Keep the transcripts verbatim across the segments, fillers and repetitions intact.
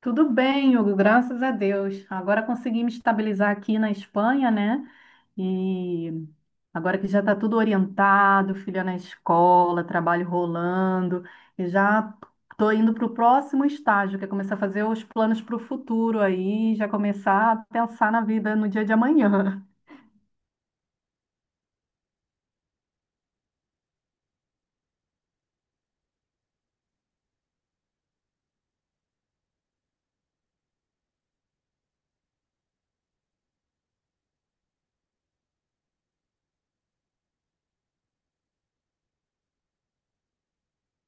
Tudo bem, Hugo, graças a Deus. Agora consegui me estabilizar aqui na Espanha, né? E agora que já está tudo orientado, filha na escola, trabalho rolando, e já estou indo para o próximo estágio, que é começar a fazer os planos para o futuro aí, já começar a pensar na vida no dia de amanhã.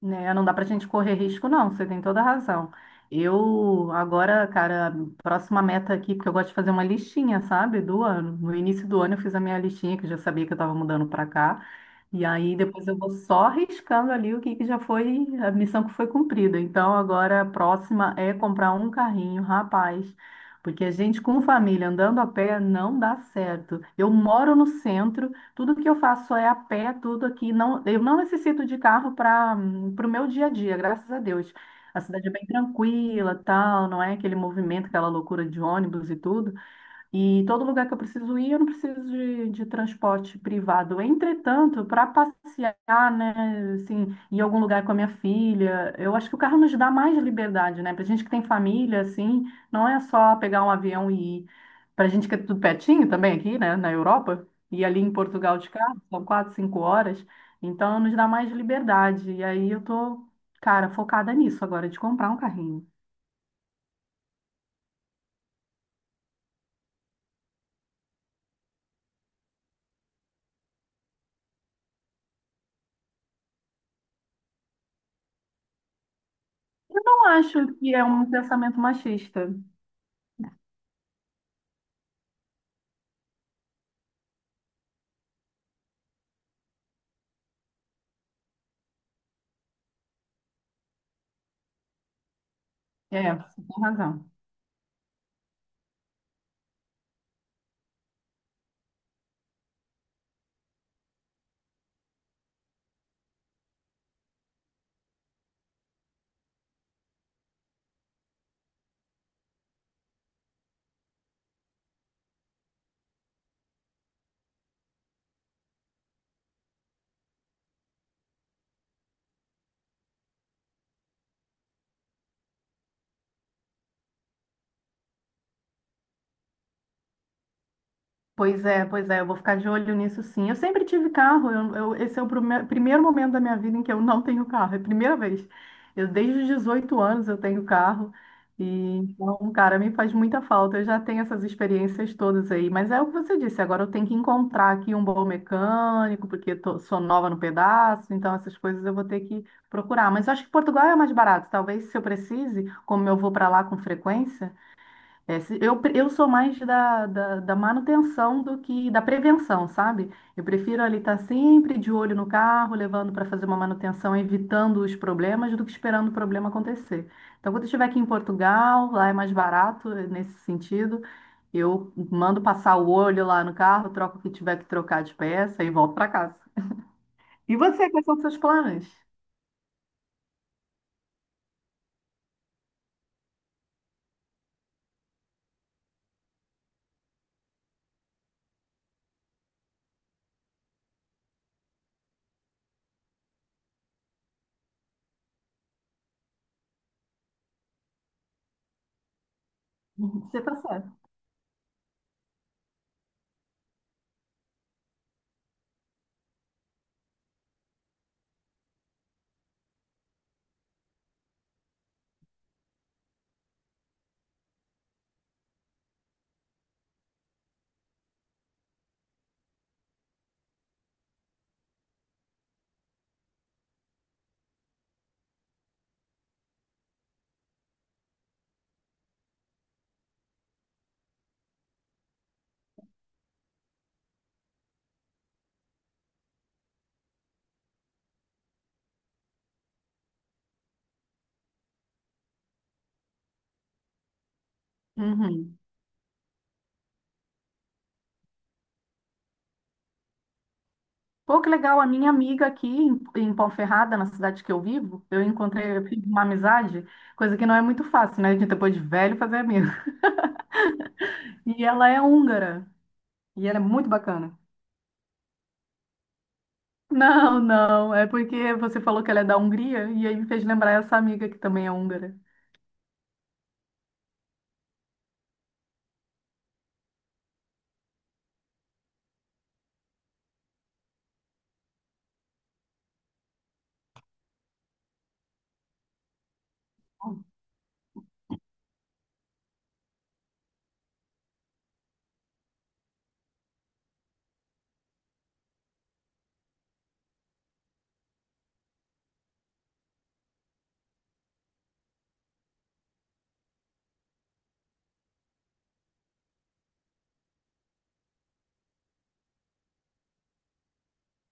Né, não dá pra gente correr risco, não, você tem toda a razão. Eu, agora, cara, próxima meta aqui, porque eu gosto de fazer uma listinha, sabe, do ano. No início do ano eu fiz a minha listinha, que eu já sabia que eu estava mudando pra cá. E aí depois eu vou só riscando ali o que, que já foi, a missão que foi cumprida. Então agora a próxima é comprar um carrinho, rapaz. Porque a gente com família andando a pé não dá certo. Eu moro no centro. Tudo que eu faço é a pé, tudo aqui. Não, eu não necessito de carro para o meu dia a dia, graças a Deus. A cidade é bem tranquila, tal, não é aquele movimento, aquela loucura de ônibus e tudo. E todo lugar que eu preciso ir, eu não preciso de, de transporte privado. Entretanto, para passear, né, assim, em algum lugar com a minha filha, eu acho que o carro nos dá mais liberdade, né? Para gente que tem família, assim, não é só pegar um avião e ir. Para gente que é tudo pertinho também aqui, né, na Europa, e ali em Portugal de carro, são quatro, cinco horas, então nos dá mais liberdade. E aí eu tô, cara, focada nisso agora, de comprar um carrinho. Eu acho que é um pensamento machista. É, você tem razão. Pois é, pois é, eu vou ficar de olho nisso, sim. Eu sempre tive carro, eu- eu- esse é o prime- primeiro momento da minha vida em que eu não tenho carro, é a primeira vez. Eu, desde os dezoito anos eu tenho carro, e então, cara, me faz muita falta. Eu já tenho essas experiências todas aí, mas é o que você disse, agora eu tenho que encontrar aqui um bom mecânico, porque tô- sou nova no pedaço, então essas coisas eu vou ter que procurar. Mas eu acho que Portugal é mais barato, talvez se eu precise, como eu vou para lá com frequência. É, se- eu, pre- eu sou mais da, da, da manutenção do que da prevenção, sabe? Eu prefiro ali estar sempre de olho no carro, levando para fazer uma manutenção, evitando os problemas, do que esperando o problema acontecer. Então, quando eu estiver aqui em Portugal, lá é mais barato eh, nesse sentido, eu mando passar o olho lá no carro, troco o que tiver que trocar de peça e volto para casa. E você, quais são os seus planos? Uhum. Você tá certo. Uhum. Pô, que legal, a minha amiga aqui em, em Ponferrada, na cidade que eu vivo, eu encontrei, eu fiz uma amizade, coisa que não é muito fácil, né? A gente depois de velho fazer amigo. E ela é húngara, e ela é muito bacana. Não, não, é porque você falou que ela é da Hungria, e aí me fez lembrar essa amiga que também é húngara.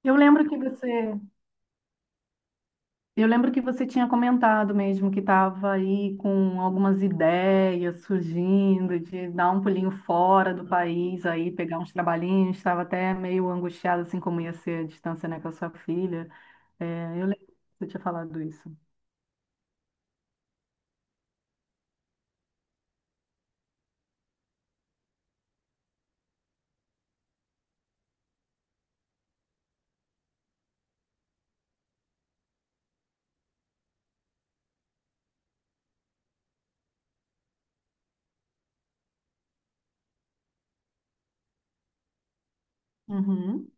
Eu lembro que você, Eu lembro que você tinha comentado mesmo que estava aí com algumas ideias surgindo de dar um pulinho fora do país aí, pegar uns trabalhinhos, estava até meio angustiada assim como ia ser a distância, né, com a sua filha. É, eu lembro que você tinha falado isso. Uhum.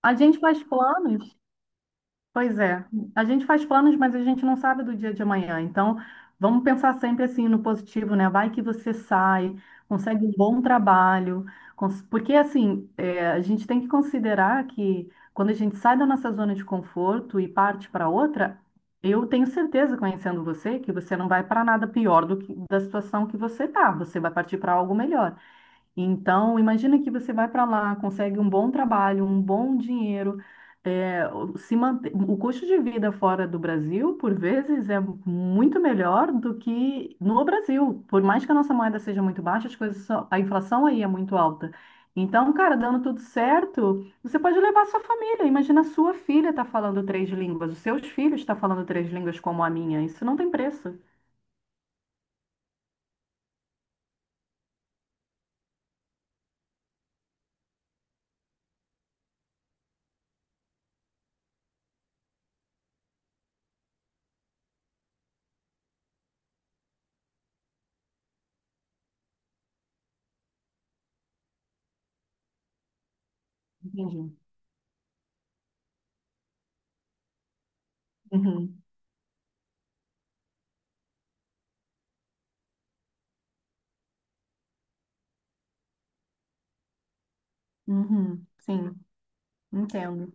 A gente faz planos. Pois é, a gente faz planos, mas a gente não sabe do dia de amanhã. Então, vamos pensar sempre assim no positivo, né? Vai que você sai, consegue um bom trabalho, cons- porque assim, é, a gente tem que considerar que quando a gente sai da nossa zona de conforto e parte para outra, eu tenho certeza, conhecendo você, que você não vai para nada pior do que da situação que você tá. Você vai partir para algo melhor. Então, imagina que você vai para lá, consegue um bom trabalho, um bom dinheiro, é, o- se mante- o custo de vida fora do Brasil, por vezes, é muito melhor do que no Brasil. Por mais que a nossa moeda seja muito baixa, as coisas são- a inflação aí é muito alta. Então, cara, dando tudo certo, você pode levar sua família. Imagina, a sua filha está falando três línguas, os seus filhos estão falando três línguas como a minha. Isso não tem preço. Entendi. Uhum, uhum, sim, entendo.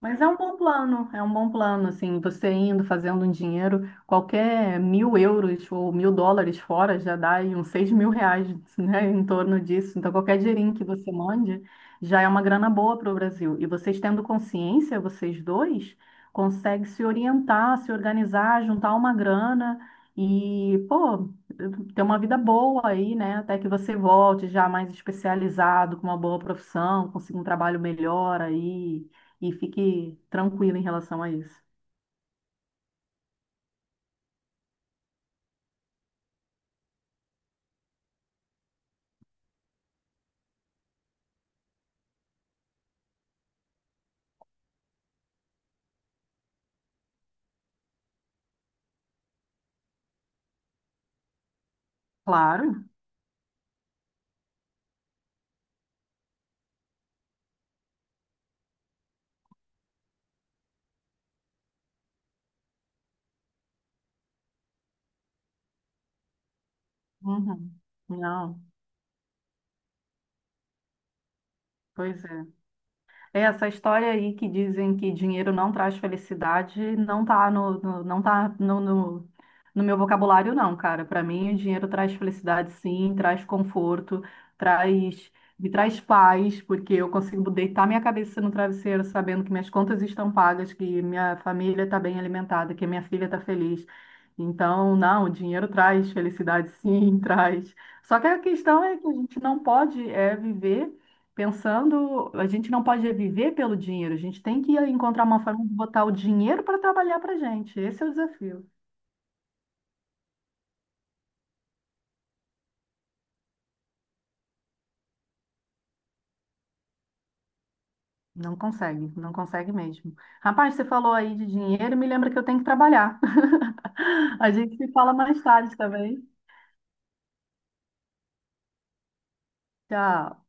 Mas é um bom plano, é um bom plano, assim, você indo, fazendo um dinheiro, qualquer mil euros ou mil dólares fora já dá aí uns seis mil reais, né, em torno disso. Então, qualquer dinheirinho que você mande já é uma grana boa para o Brasil. E vocês tendo consciência, vocês dois, conseguem se orientar, se organizar, juntar uma grana e, pô, ter uma vida boa aí, né, até que você volte já mais especializado, com uma boa profissão, consiga um trabalho melhor aí e fique tranquilo em relação a isso. Claro. Uhum. Não, pois é. É, essa história aí que dizem que dinheiro não traz felicidade não tá no, no- não tá no, no, no meu vocabulário, não, cara. Para mim, o dinheiro traz felicidade, sim, traz conforto, traz, me traz paz, porque eu consigo deitar minha cabeça no travesseiro sabendo que minhas contas estão pagas, que minha família está bem alimentada, que minha filha está feliz. Então, não, o dinheiro traz felicidade, sim, traz. Só que a questão é que a gente não pode é, viver. Pensando, a gente não pode viver pelo dinheiro, a gente tem que encontrar uma forma de botar o dinheiro para trabalhar para a gente. Esse é o desafio. Não consegue, não consegue mesmo. Rapaz, você falou aí de dinheiro, me lembra que eu tenho que trabalhar. A gente se fala mais tarde também. Tchau.